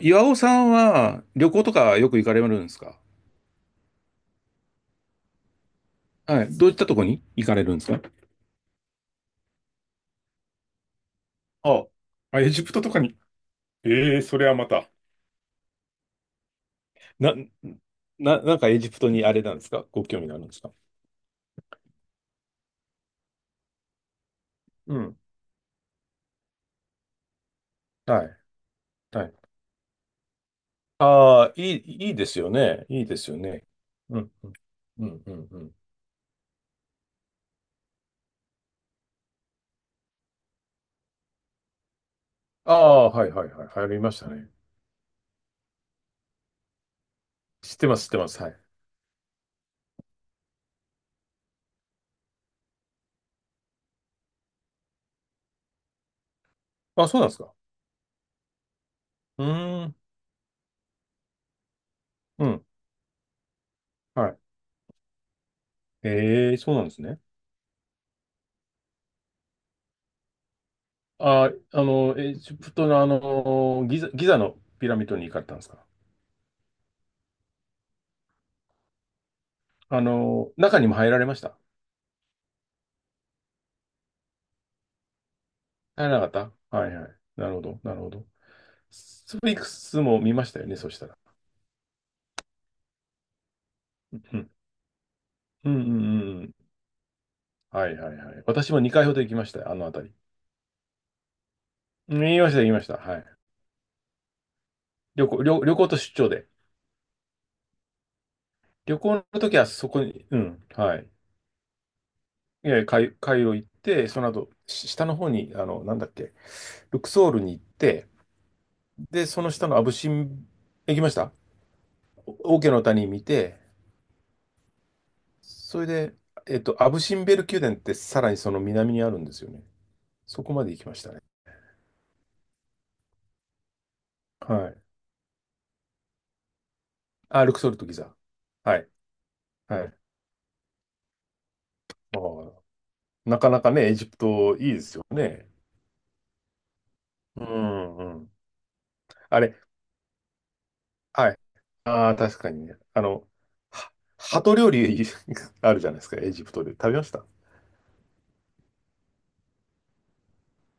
岩尾さんは旅行とかよく行かれるんですか？はい。どういったとこに行かれるんですか？ああ、エジプトとかに。ええ、それはまた。な、なんかエジプトにあれなんですか？ご興味があるんですか？うん。はい。はい。ああ、いいですよね。いいですよね。うん、うん、うん、うん。うん。ああ、はい、はい、はい。流行りましたね。知ってます、知ってます。はい。あ、そうなんですか。うーん、うん。はい。ええ、そうなんですね。あ、エジプトのギザのピラミッドに行かれたんですか？中にも入られました？入らなかった。はいはい。なるほど、なるほど。スフィンクスも見ましたよね、そしたら。うん、うん、うんうん。はいはいはい。私も2回ほど行きましたよ、あの辺り。見ました、行きました。はい。旅行と出張で。旅行の時はそこに、うん、はい。いや、カイロ行って、その後、し下の方に、なんだっけ、ルクソールに行って、で、その下のアブシン、行きました。オーケーの谷見て、それで、アブシンベル宮殿ってさらにその南にあるんですよね。そこまで行きましたね。はい。あ、ルクソルとギザ。はい。はい。あー、なかなかね、エジプトいいですよね。うんうん。あれ、はい。ああ、確かにね。は鳩料理 あるじゃないですか、エジプトで。食べました？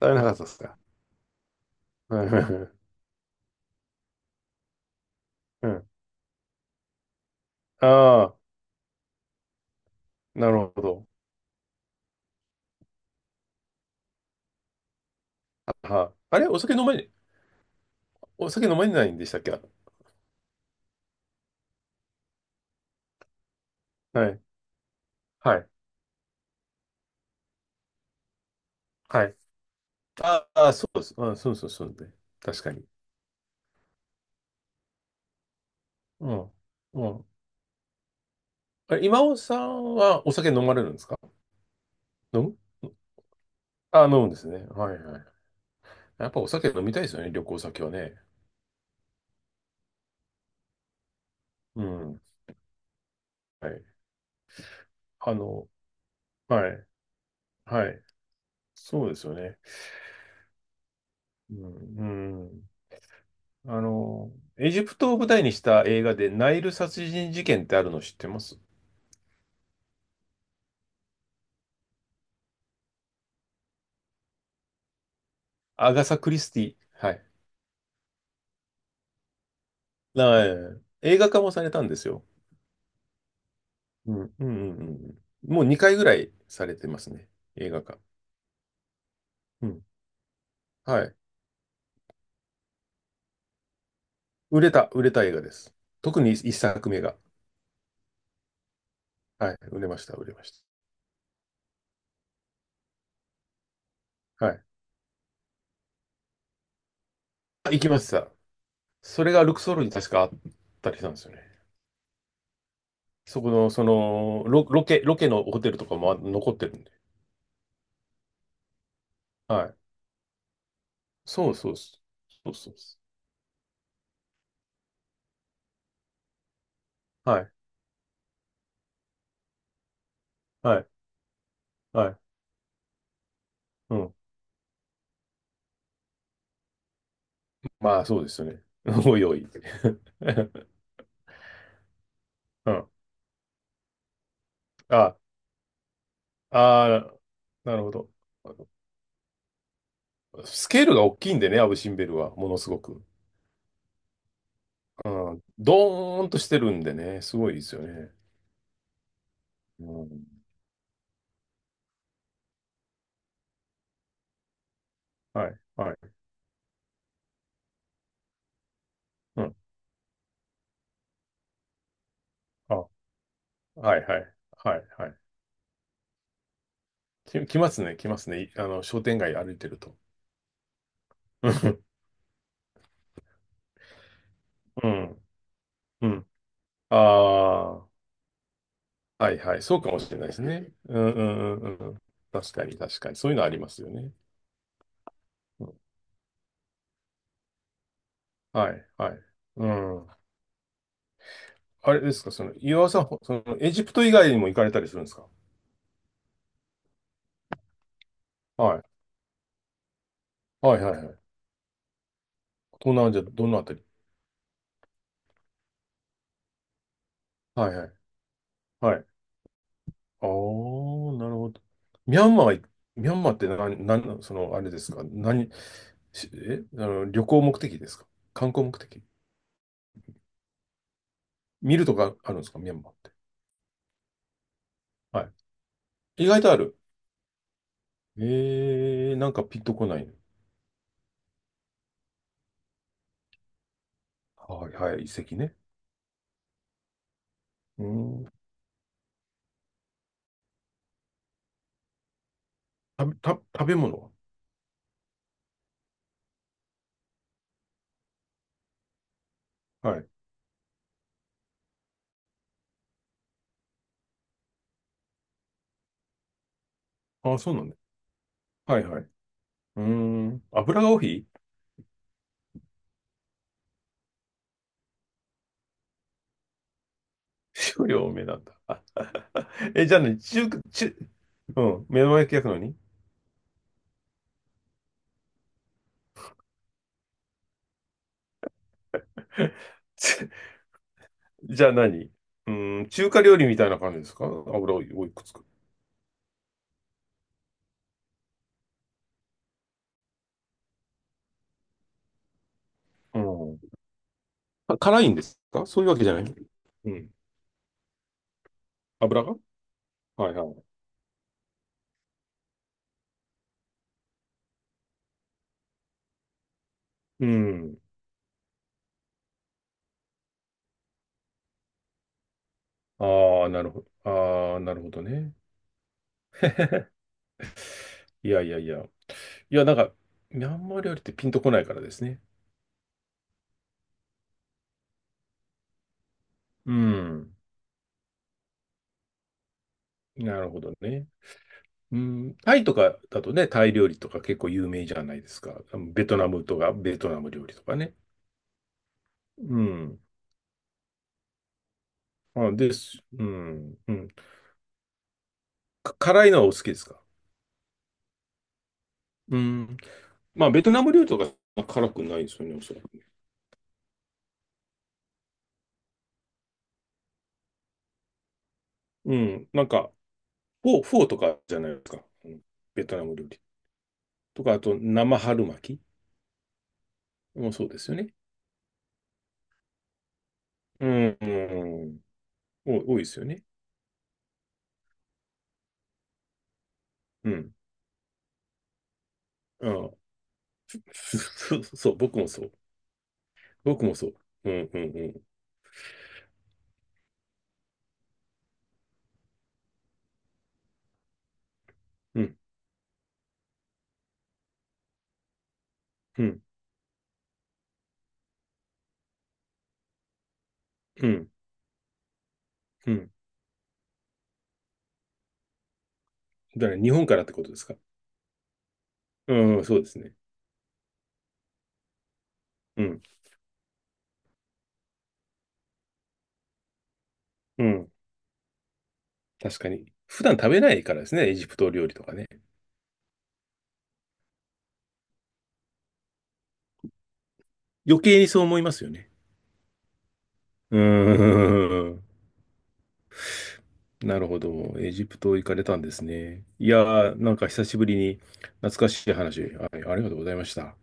食べなかったですか？うんうん。ああ、なるほど。はあ、あれお酒飲まれ、お酒飲まれないんでしたっけ？はい。はい。はい。ああ、そうです。あ、そうそうそうで。確かに。うん。うん。今尾さんはお酒飲まれるんですか？飲むあ、飲むんですね。はいはい。やっぱお酒飲みたいですよね、旅行先はね。うん。はい。あの、はい。はい。そうですよね。うん。うん。あの、エジプトを舞台にした映画でナイル殺人事件ってあるの知ってます？アガサ・クリスティ。はい。はい。映画化もされたんですよ。うん、うん、うんうんうんうん、もう2回ぐらいされてますね。映画化。うん。はい。売れた映画です。特に1作目が。はい。売れました。はい。あ、行きました。それがルクソールに確かあったりしたんですよね。そこの、その、ロケのホテルとかも残ってるんで。はい。そうそうそうそう、そうです。はい。はい。はい。うん。まあ、そうですよね。おいおい。うん。あ、あー、なるほど。スケールが大きいんでね、アブ・シンベルは、ものすごく。うん、ドーンとしてるんでね、すごいですよね。うん、はい、はい、うん。あ、はい、はい、はい、はい。来ますね、来ますね。商店街歩いてると。うん、うん、うん。ああ、はいはい。そうかもしれないですね。うんうんうんうん。確かに確かに。そういうのありますよね。うんはいはい。うん。あれですか、岩尾さん、ほその、エジプト以外にも行かれたりするんですか？はい。はいはいはい。東南アジア、どのあたり？はいはい。はい。ああ、なるほど。ミャンマーは、ミャンマーってあれですか、旅行目的ですか？観光目的？見るとかあるんですかミャンマーって。はい。意外とある。なんかピンとこないね。はいはい、遺跡ね。うん。た、食べ物は？はい。ああ、そうなんだ。はいはい。うん。油が多い？ 少量多めなんだ。あ、じゃあね、中、うん、目の前焼き焼くのに。 じゃあうーん、中華料理みたいな感じですか？油をいくつか。うん。あ、辛いんですか？そういうわけじゃない。うん。油が、はいはい。うん。ああ、なるほど。ああ、なるほどね。いやいやいや。いや、なんか、ミャンマー料理ってピンとこないからですね。うん。なるほどね。うん。タイとかだとね、タイ料理とか結構有名じゃないですか。ベトナムとか、ベトナム料理とかね。うん。あ、です。うん。うん。辛いのはお好きですか？うん。まあ、ベトナム料理とか辛くないですよね、おそらく。うん。なんか、フォーとかじゃないですか。うん、ベトナム料理。とか、あと、生春巻きもそうですよね。うん、うん。多いですよね。うん。ああ、 そう、そう、僕もそう。僕もそう。うん、うん、うん。うん、うん、うん、うん。だから、日本からってことですか。うん、そうですね。うん、うん。確かに。普段食べないからですね、エジプト料理とかね。余計にそう思いますよね。うん。なるほど。エジプト行かれたんですね。いやー、なんか久しぶりに懐かしい話、はい、ありがとうございました。